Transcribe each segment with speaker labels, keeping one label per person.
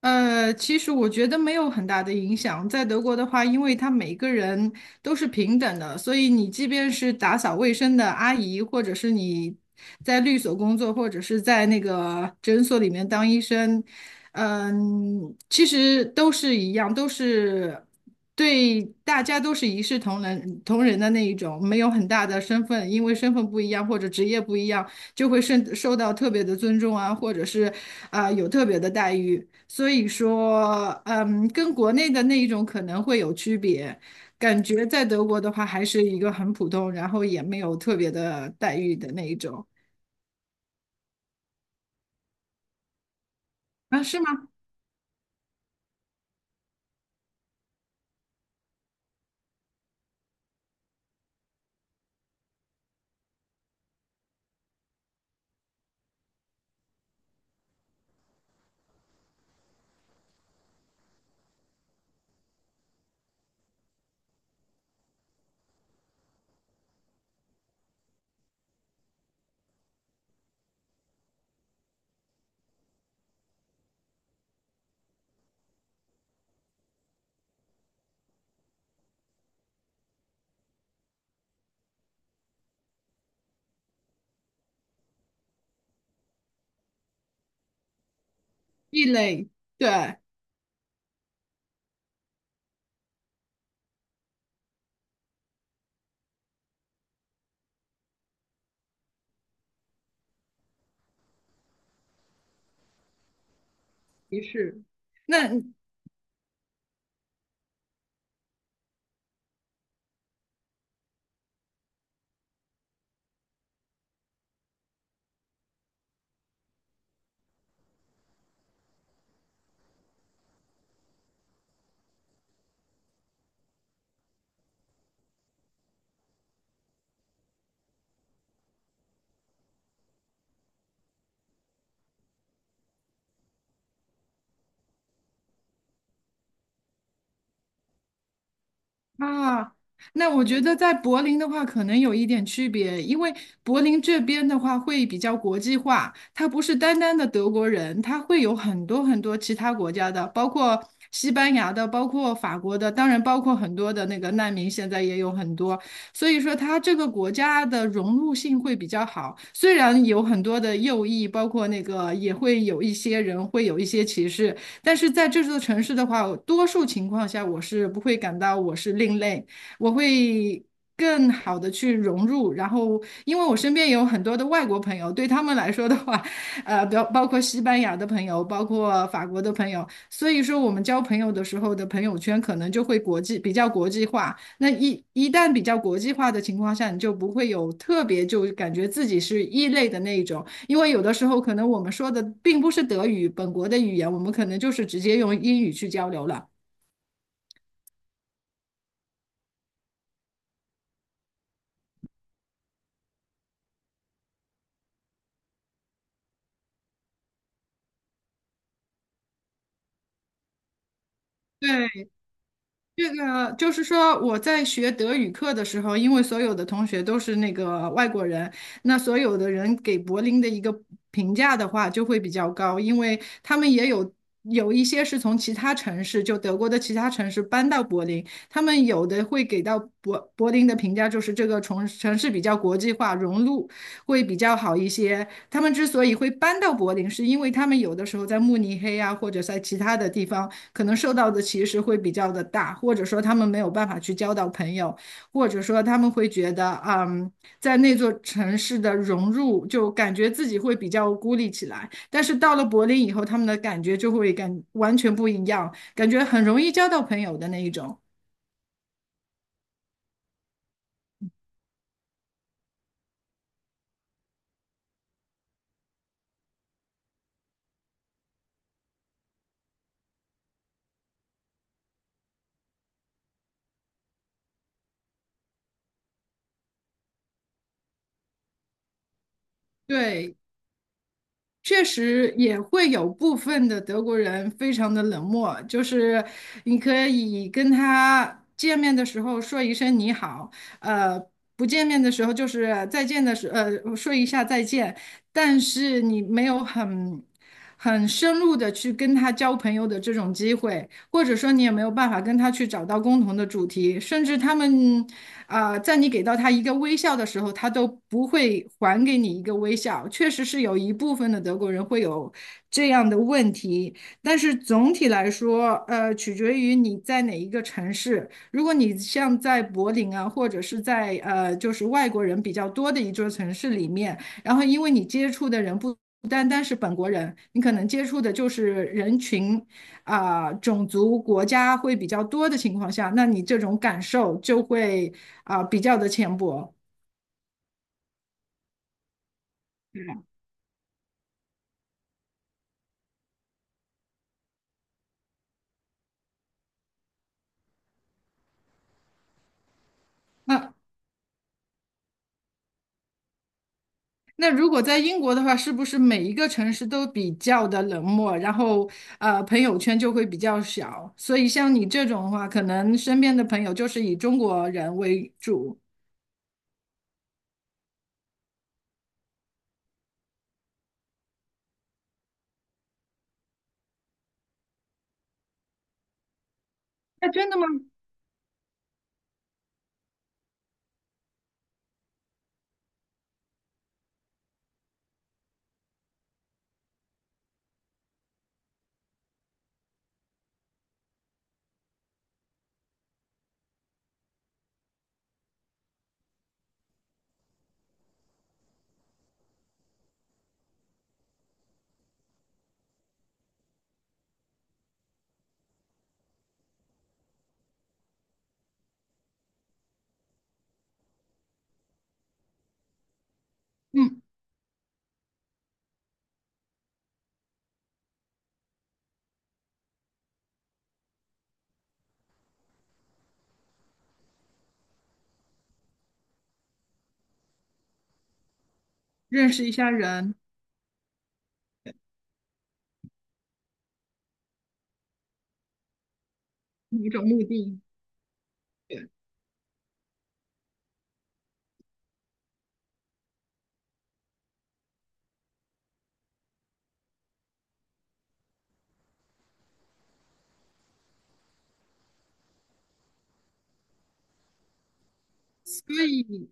Speaker 1: 其实我觉得没有很大的影响。在德国的话，因为他每个人都是平等的，所以你即便是打扫卫生的阿姨，或者是你在律所工作，或者是在那个诊所里面当医生，嗯，其实都是一样，都是对大家都是一视同仁的那一种，没有很大的身份，因为身份不一样或者职业不一样，就会受到特别的尊重啊，或者是有特别的待遇。所以说，嗯，跟国内的那一种可能会有区别。感觉在德国的话，还是一个很普通，然后也没有特别的待遇的那一种。啊，是吗？异类，对，歧是。那啊，那我觉得在柏林的话，可能有一点区别，因为柏林这边的话会比较国际化，它不是单单的德国人，它会有很多很多其他国家的，包括西班牙的，包括法国的，当然包括很多的那个难民，现在也有很多，所以说它这个国家的融入性会比较好。虽然有很多的右翼，包括那个也会有一些人会有一些歧视，但是在这座城市的话，多数情况下我是不会感到我是另类，我会更好的去融入。然后，因为我身边也有很多的外国朋友，对他们来说的话，包括西班牙的朋友，包括法国的朋友，所以说我们交朋友的时候的朋友圈可能就会比较国际化。那一旦比较国际化的情况下，你就不会有特别就感觉自己是异类的那一种。因为有的时候可能我们说的并不是德语本国的语言，我们可能就是直接用英语去交流了。对，这个就是说，我在学德语课的时候，因为所有的同学都是那个外国人，那所有的人给柏林的一个评价的话就会比较高，因为他们也有一些是从其他城市，就德国的其他城市搬到柏林，他们有的会给到柏林的评价就是这个城市比较国际化，融入会比较好一些。他们之所以会搬到柏林，是因为他们有的时候在慕尼黑啊，或者在其他的地方。可能受到的歧视会比较的大，或者说他们没有办法去交到朋友，或者说他们会觉得，嗯，在那座城市的融入，就感觉自己会比较孤立起来。但是到了柏林以后，他们的感觉就会感完全不一样，感觉很容易交到朋友的那一种。对，确实也会有部分的德国人非常的冷漠，就是你可以跟他见面的时候说一声你好，呃，不见面的时候就是再见的时，说一下再见，但是你没有很深入的去跟他交朋友的这种机会，或者说你也没有办法跟他去找到共同的主题，甚至他们在你给到他一个微笑的时候，他都不会还给你一个微笑。确实是有一部分的德国人会有这样的问题，但是总体来说，取决于你在哪一个城市。如果你像在柏林啊，或者是在就是外国人比较多的一座城市里面，然后因为你接触的人不。不单单是本国人，你可能接触的就是人群，种族国家会比较多的情况下，那你这种感受就会比较的浅薄。那那如果在英国的话，是不是每一个城市都比较的冷漠，然后朋友圈就会比较小？所以像你这种的话，可能身边的朋友就是以中国人为主。那真的吗？嗯，认识一下人，一种目的。对，所以，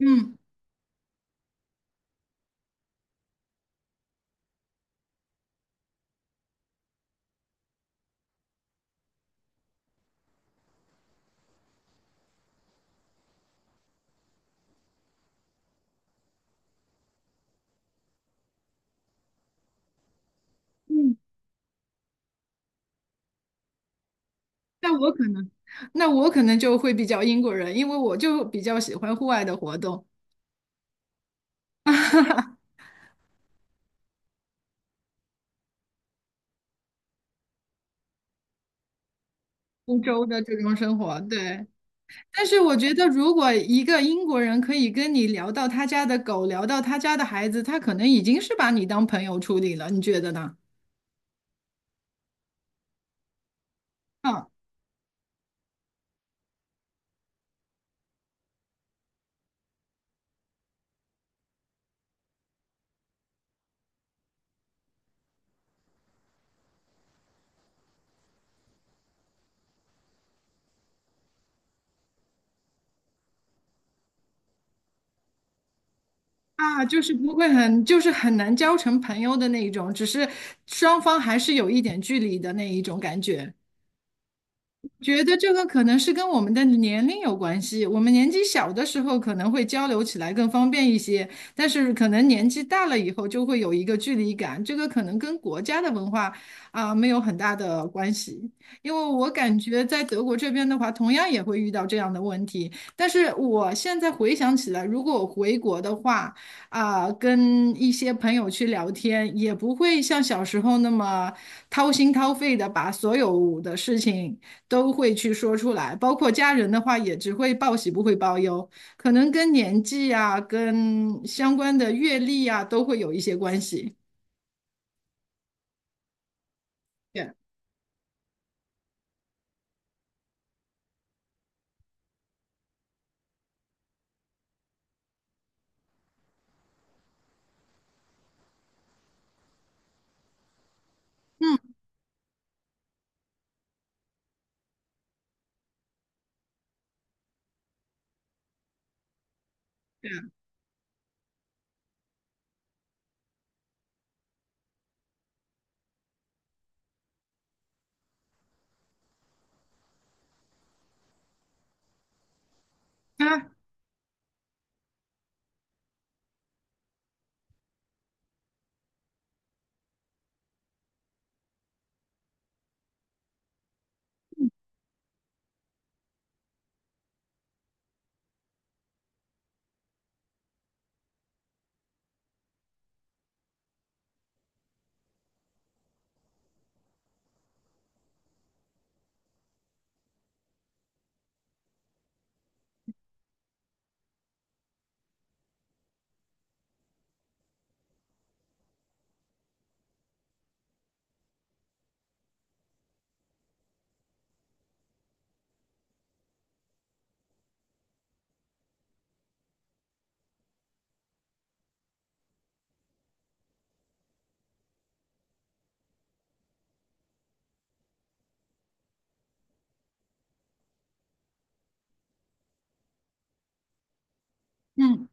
Speaker 1: 嗯嗯。那我可能，那我可能就会比较英国人，因为我就比较喜欢户外的活动，欧洲的这种生活。对，但是我觉得，如果一个英国人可以跟你聊到他家的狗，聊到他家的孩子，他可能已经是把你当朋友处理了，你觉得呢？嗯，啊，就是不会很，就是很难交成朋友的那一种，只是双方还是有一点距离的那一种感觉。觉得这个可能是跟我们的年龄有关系。我们年纪小的时候可能会交流起来更方便一些，但是可能年纪大了以后就会有一个距离感。这个可能跟国家的文化啊，没有很大的关系。因为我感觉在德国这边的话，同样也会遇到这样的问题。但是我现在回想起来，如果我回国的话，啊，跟一些朋友去聊天，也不会像小时候那么掏心掏肺的把所有的事情。都会去说出来，包括家人的话也只会报喜不会报忧，可能跟年纪啊、跟相关的阅历啊都会有一些关系。对，嗯，对啊，啊嗯。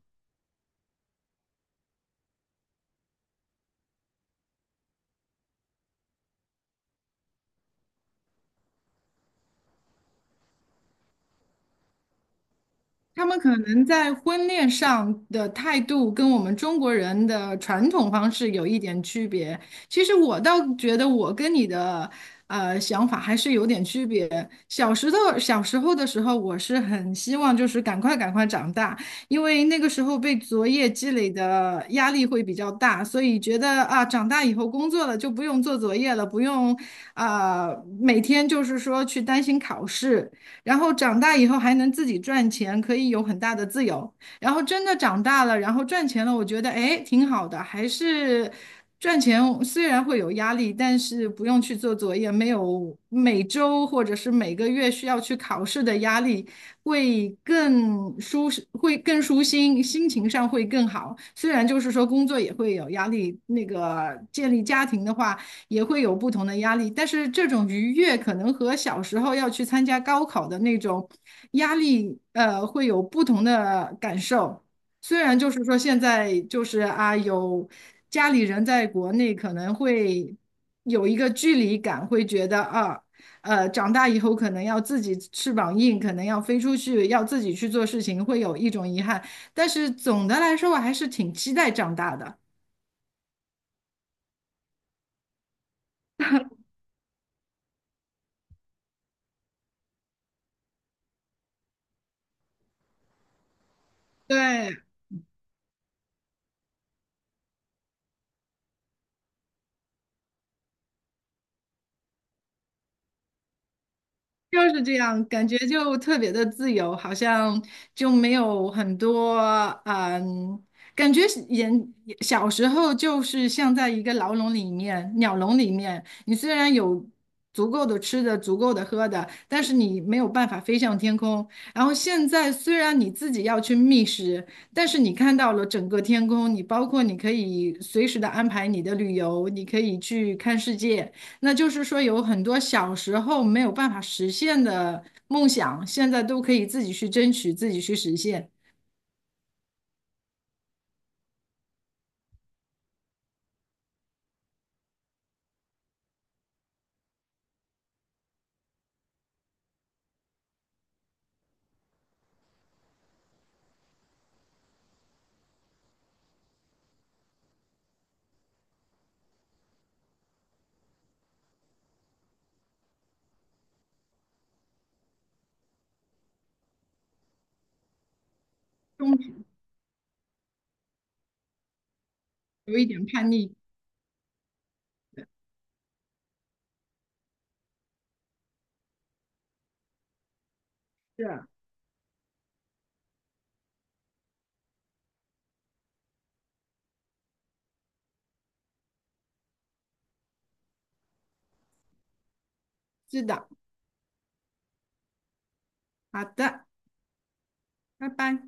Speaker 1: 他们可能在婚恋上的态度跟我们中国人的传统方式有一点区别。其实我倒觉得我跟你的想法还是有点区别。小时候的时候，我是很希望就是赶快长大，因为那个时候被作业积累的压力会比较大，所以觉得啊长大以后工作了就不用做作业了，不用啊、每天就是说去担心考试。然后长大以后还能自己赚钱，可以有很大的自由。然后真的长大了，然后赚钱了，我觉得哎挺好的，还是赚钱虽然会有压力，但是不用去做作业，没有每周或者是每个月需要去考试的压力，会更舒适，会更舒心，心情上会更好。虽然就是说工作也会有压力，那个建立家庭的话。也会有不同的压力，但是这种愉悦可能和小时候要去参加高考的那种压力，会有不同的感受。虽然就是说现在就是啊，有家里人在国内可能会有一个距离感，会觉得啊，长大以后可能要自己翅膀硬，可能要飞出去，要自己去做事情，会有一种遗憾。但是总的来说，我还是挺期待长大的。对，就是这样，感觉就特别的自由，好像就没有很多，嗯，感觉是人小时候就是像在一个牢笼里面、鸟笼里面，你虽然有足够的吃的、足够的喝的，但是你没有办法飞向天空。然后现在虽然你自己要去觅食，但是你看到了整个天空，你包括你可以随时的安排你的旅游，你可以去看世界。那就是说，有很多小时候没有办法实现的梦想，现在都可以自己去争取，自己去实现。中途有一点叛逆，是是的，好的，拜拜。